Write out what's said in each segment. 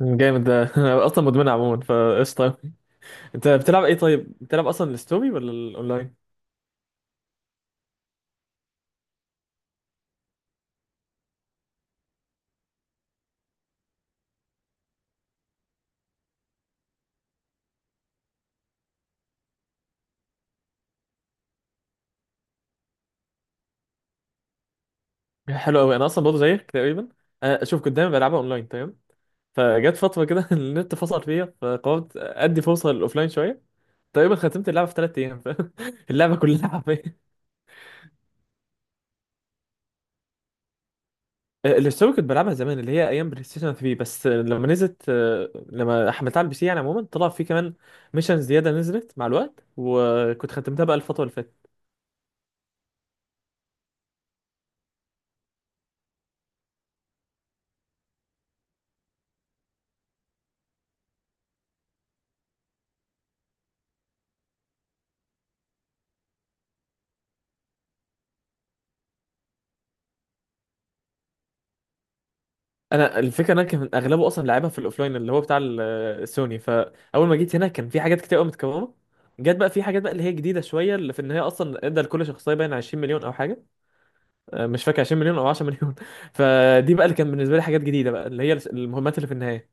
جامد ده. انا اصلا مدمن عموما فقشطه. انت بتلعب ايه؟ طيب بتلعب اصلا الستوري ولا الاونلاين؟ حلو قوي، انا اصلا برضه زيك تقريبا. أنا شوف كنت دايما بلعبها اونلاين، تمام. فجت فتره كده النت فصل فيا فقررت ادي فرصه للاوفلاين شويه. تقريبا ختمت اللعبه في 3 ايام اللعبه كلها حرفيا. الستوري كنت بلعبها زمان اللي هي ايام بلاي ستيشن 3 بس. آه، لما نزلت آه، لما حملتها على البي سي، يعني عموما طلع فيه كمان ميشن زياده نزلت مع الوقت وكنت ختمتها بقى الفتره اللي فاتت. انا الفكره إن انا كان اغلبه اصلا لعبها في الاوفلاين اللي هو بتاع السوني، فاول ما جيت هنا كان في حاجات كتير قوي متكرره. جت بقى في حاجات بقى اللي هي جديده شويه، اللي في ان هي اصلا ادى لكل شخصيه باين 20 مليون او حاجه. مش فاكر 20 مليون او 10 مليون. فدي بقى اللي كان بالنسبه لي حاجات جديده، بقى اللي هي المهمات اللي في النهايه،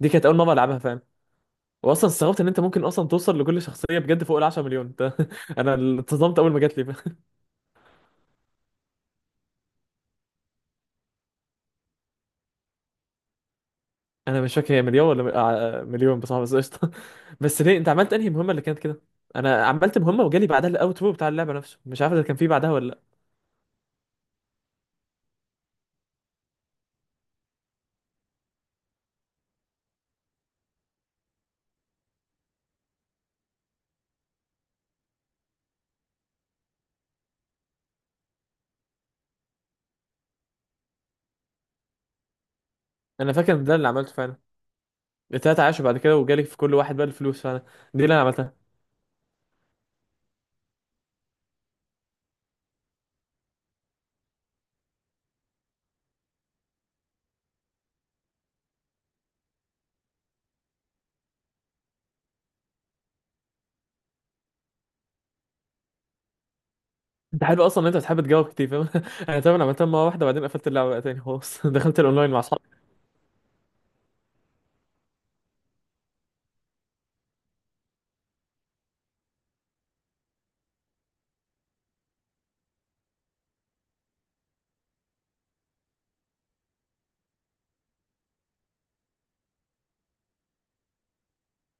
دي كانت اول مره العبها، فاهم. واصلا استغربت ان انت ممكن اصلا توصل لكل شخصيه بجد فوق ال 10 مليون. انا اتصدمت اول ما جات لي. انا مش فاكر هي مليون ولا مليون بصراحه، بس قشطه. بس ليه انت عملت انهي مهمه اللي كانت كده؟ انا عملت مهمه وجالي بعدها الاوترو بتاع اللعبه نفسه، مش عارف اذا كان في بعدها ولا لا. انا فاكر إن ده اللي عملته فعلا، التلاته عاشوا بعد كده وجالي في كل واحد بقى الفلوس فعلا، دي اللي انا عملتها. انت حلو اصلا ان انت بتحب تجاوب كتير، فاهم. انا طبعا عملتها مره واحده وبعدين قفلت اللعبه بقى تاني، خلاص. دخلت الاونلاين مع اصحابي.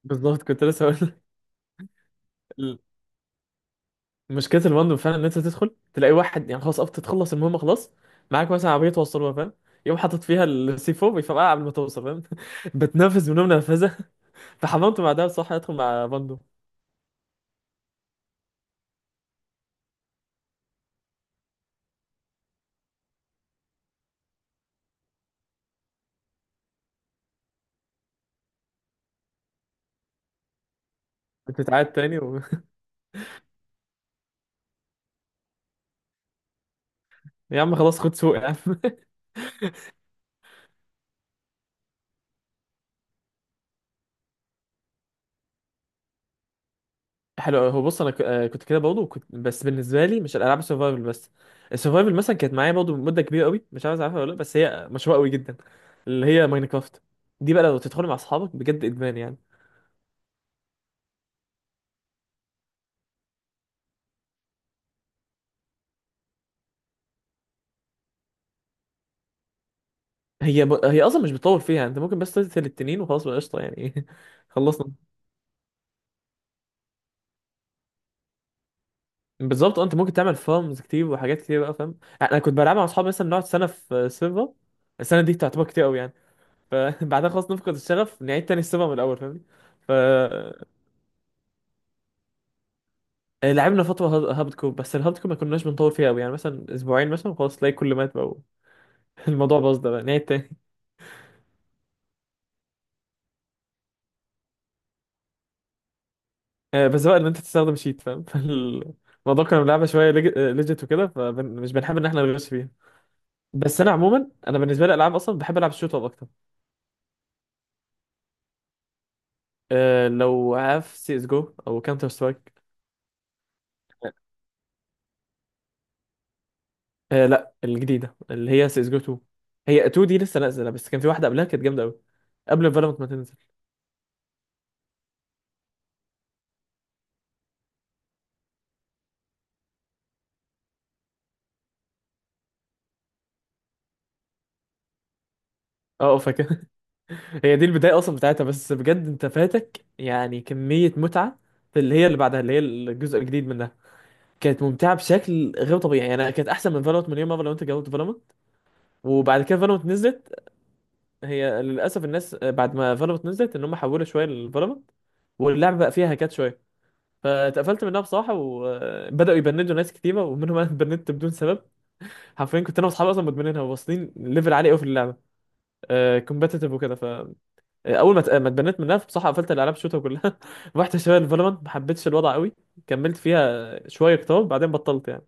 بالظبط كنت لسه هقول لك. مشكله المندوب فعلا ان انت تدخل تلاقي واحد يعني خلاص قفت تخلص المهمه خلاص، معاك مثلا عربيه توصلوها، فاهم. يقوم حاطط فيها السي 4 بيفرقع قبل ما توصل، فاهم. بتنفذ منهم نرفزه. فحممت بعدها بصراحه ادخل مع بندو. بتتعاد تاني. يا عم خلاص خد سوق يا عم. حلو، هو بص انا كنت كده برضه، كنت بس بالنسبه لي مش الالعاب السرفايفل بس. السرفايفل مثلا كانت معايا برضه مده كبيره قوي، مش عارف عارفها ولا لا بس هي مشهوره قوي جدا، اللي هي ماينكرافت. دي بقى لو تدخل مع اصحابك بجد ادمان يعني. هي اصلا مش بتطول فيها، انت ممكن بس تقتل التنين وخلاص بقى قشطه يعني. خلصنا. بالظبط، انت ممكن تعمل فارمز كتير وحاجات كتير بقى، فاهم. انا كنت بلعب مع اصحابي مثلا نقعد سنه في سيرفر، السنه دي تعتبر كتير قوي يعني. فبعدها خلاص نفقد الشغف نعيد تاني السيرفر من الاول، فاهمني. ف آه، لعبنا فتره هابد كور، بس الهابد كور ما كناش بنطول فيها قوي، يعني مثلا اسبوعين مثلا خلاص تلاقي كل مات بقى الموضوع باظ ده بقى نعيد تاني. بس بقى ان انت تستخدم شيت، فاهم. فالموضوع كنا بنلعبها شويه ليجيت وكده فمش بنحب ان احنا نغش فيها. بس انا عموما انا بالنسبه لي الالعاب اصلا بحب العب الشوت اب اكتر. أه، لو عارف سي اس جو او كاونتر سترايك. أه، لا، الجديده اللي هي سي اس جو 2. هي 2 دي لسه نازله، بس كان في واحده قبلها كانت جامده قوي قبل فالورانت ما تنزل. اه، فاكر. هي دي البدايه اصلا بتاعتها، بس بجد انت فاتك يعني كميه متعه في اللي هي اللي بعدها اللي هي الجزء الجديد منها، كانت ممتعه بشكل غير طبيعي يعني، أنا كانت احسن من فالورانت مليون مره لو انت جربت فالورانت. وبعد كده فالورانت نزلت. هي للاسف الناس بعد ما فالورانت نزلت ان هم حولوا شويه لفالورانت، واللعبه بقى فيها هكات شويه، فاتقفلت منها بصراحه وبداوا يبندوا ناس كتيره ومنهم انا اتبندت بدون سبب. حرفيا كنت انا واصحابي اصلا مدمنينها وواصلين ليفل عالي قوي في اللعبه كومبتيتيف وكده، ف آه، اول ما ت- آه، ما اتبنيت منها بصراحه قفلت الالعاب شوتها كلها. رحت شويه لفالورانت ما حبيتش الوضع قوي، كملت فيها شويه كتار بعدين بطلت يعني.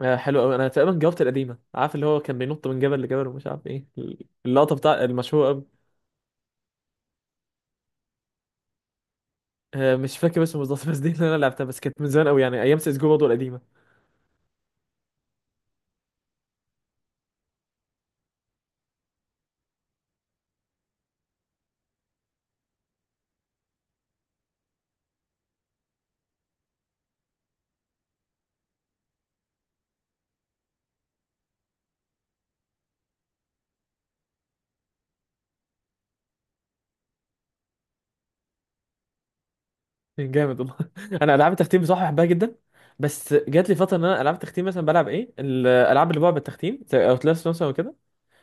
حلو قوي، انا تقريبا جاوبت القديمه، عارف اللي هو كان بينط من جبل لجبل ومش عارف ايه، اللقطه بتاع المشهوره. مش فاكر اسمه بالظبط بس دي اللي انا لعبتها، بس كانت من زمان قوي يعني ايام سيس جو برضه القديمه. جامد والله. انا العاب التختيم بصراحه بحبها جدا، بس جات لي فتره ان انا العاب التختيم مثلا بلعب ايه الالعاب اللي بقى بالتختيم زي اوتلاست مثلا وكده.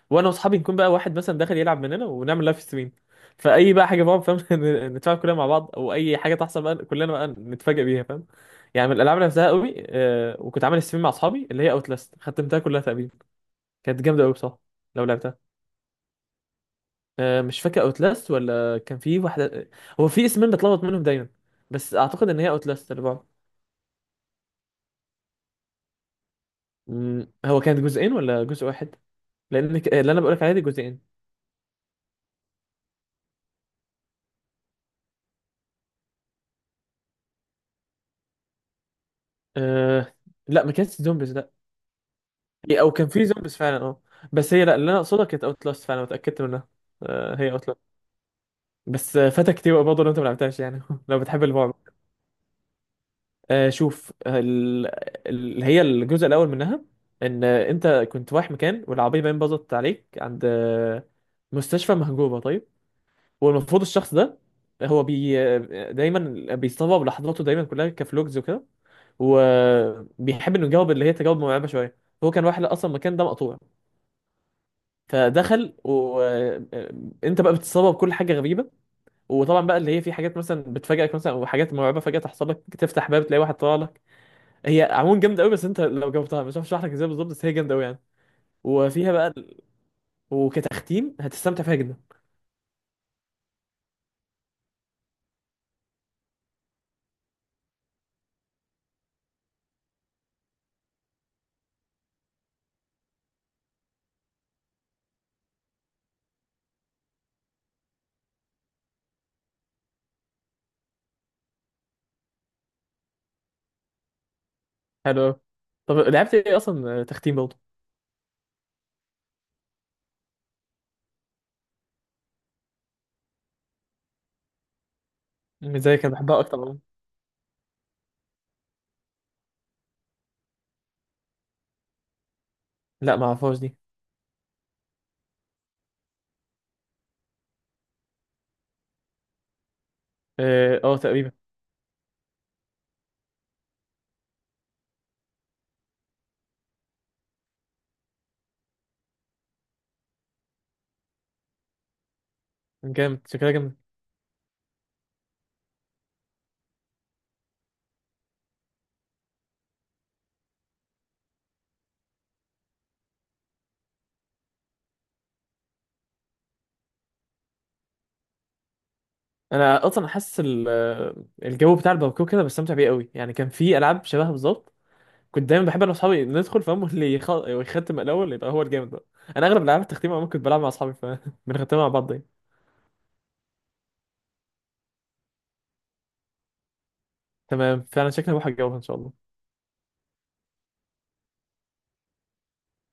وانا واصحابي نكون بقى واحد مثلا داخل يلعب مننا ونعمل لايف ستريم، فاي بقى حاجه بقى، فاهم. نتفاعل كلنا مع بعض، او اي حاجه تحصل بقى كلنا بقى نتفاجئ بيها، فاهم. يعني من الالعاب اللي لعبتها قوي وكنت عامل ستريم مع اصحابي اللي هي اوتلاست ختمتها كلها تقريبا، كانت جامده قوي بصراحه لو لعبتها. مش فاكر اوتلاست ولا كان في واحده، هو في اسمين بتلخبط منهم دايما، بس اعتقد ان هي اوتلاست اللي بعض. هو كانت جزئين ولا جزء واحد؟ لان اللي انا بقولك عليه دي جزئين. أه... لا، ما كانتش زومبيز، لا. او كان في زومبيز فعلا، اه. بس هي، لا، اللي انا اقصدها كانت اوتلاست فعلا واتاكدت منها. هي اوتلاست. بس فاتك كتير بقى برضه لو انت ما لعبتهاش يعني. لو بتحب الرعب. شوف اللي هي الجزء الاول منها، ان انت كنت رايح مكان والعربيه باين باظت عليك عند مستشفى مهجوره، طيب. والمفروض الشخص ده هو بي آه، دايما بيصور لحظاته دايما كلها كفلوجز وكده، وبيحب انه يجاوب اللي هي تجاوب مرعبه شويه. هو كان رايح اصلا المكان ده مقطوع، فدخل وانت بقى بتتصور بكل حاجه غريبه. وطبعا بقى اللي هي في حاجات مثلا بتفاجئك مثلا وحاجات مرعبه فجاه تحصل لك، تفتح باب تلاقي واحد طالع لك. هي عموما جامده قوي، بس انت لو جاوبتها مش عارف اشرح لك ازاي بالظبط بس هي جامده قوي يعني. وفيها بقى وكتختيم هتستمتع فيها جدا. حلو قوي، طب لعبت ايه اصلا، تختيم برضه؟ مش زي كان بحبها اكتر عموما. لا ما اعرفهاش دي. اه، تقريبا. جامد شكلها جامد. انا اصلا حاسس الجو بتاع الباركور كده بستمتع بيه قوي يعني، كان في العاب شبهها بالظبط، كنت دايما بحب انا واصحابي ندخل، فاهم، اللي يختم الاول يبقى هو الجامد بقى. انا اغلب العاب التختيم عموما كنت بلعب مع اصحابي فبنختمها مع بعض يعني. تمام، فعلا شكلها بروح الجو ان شاء الله.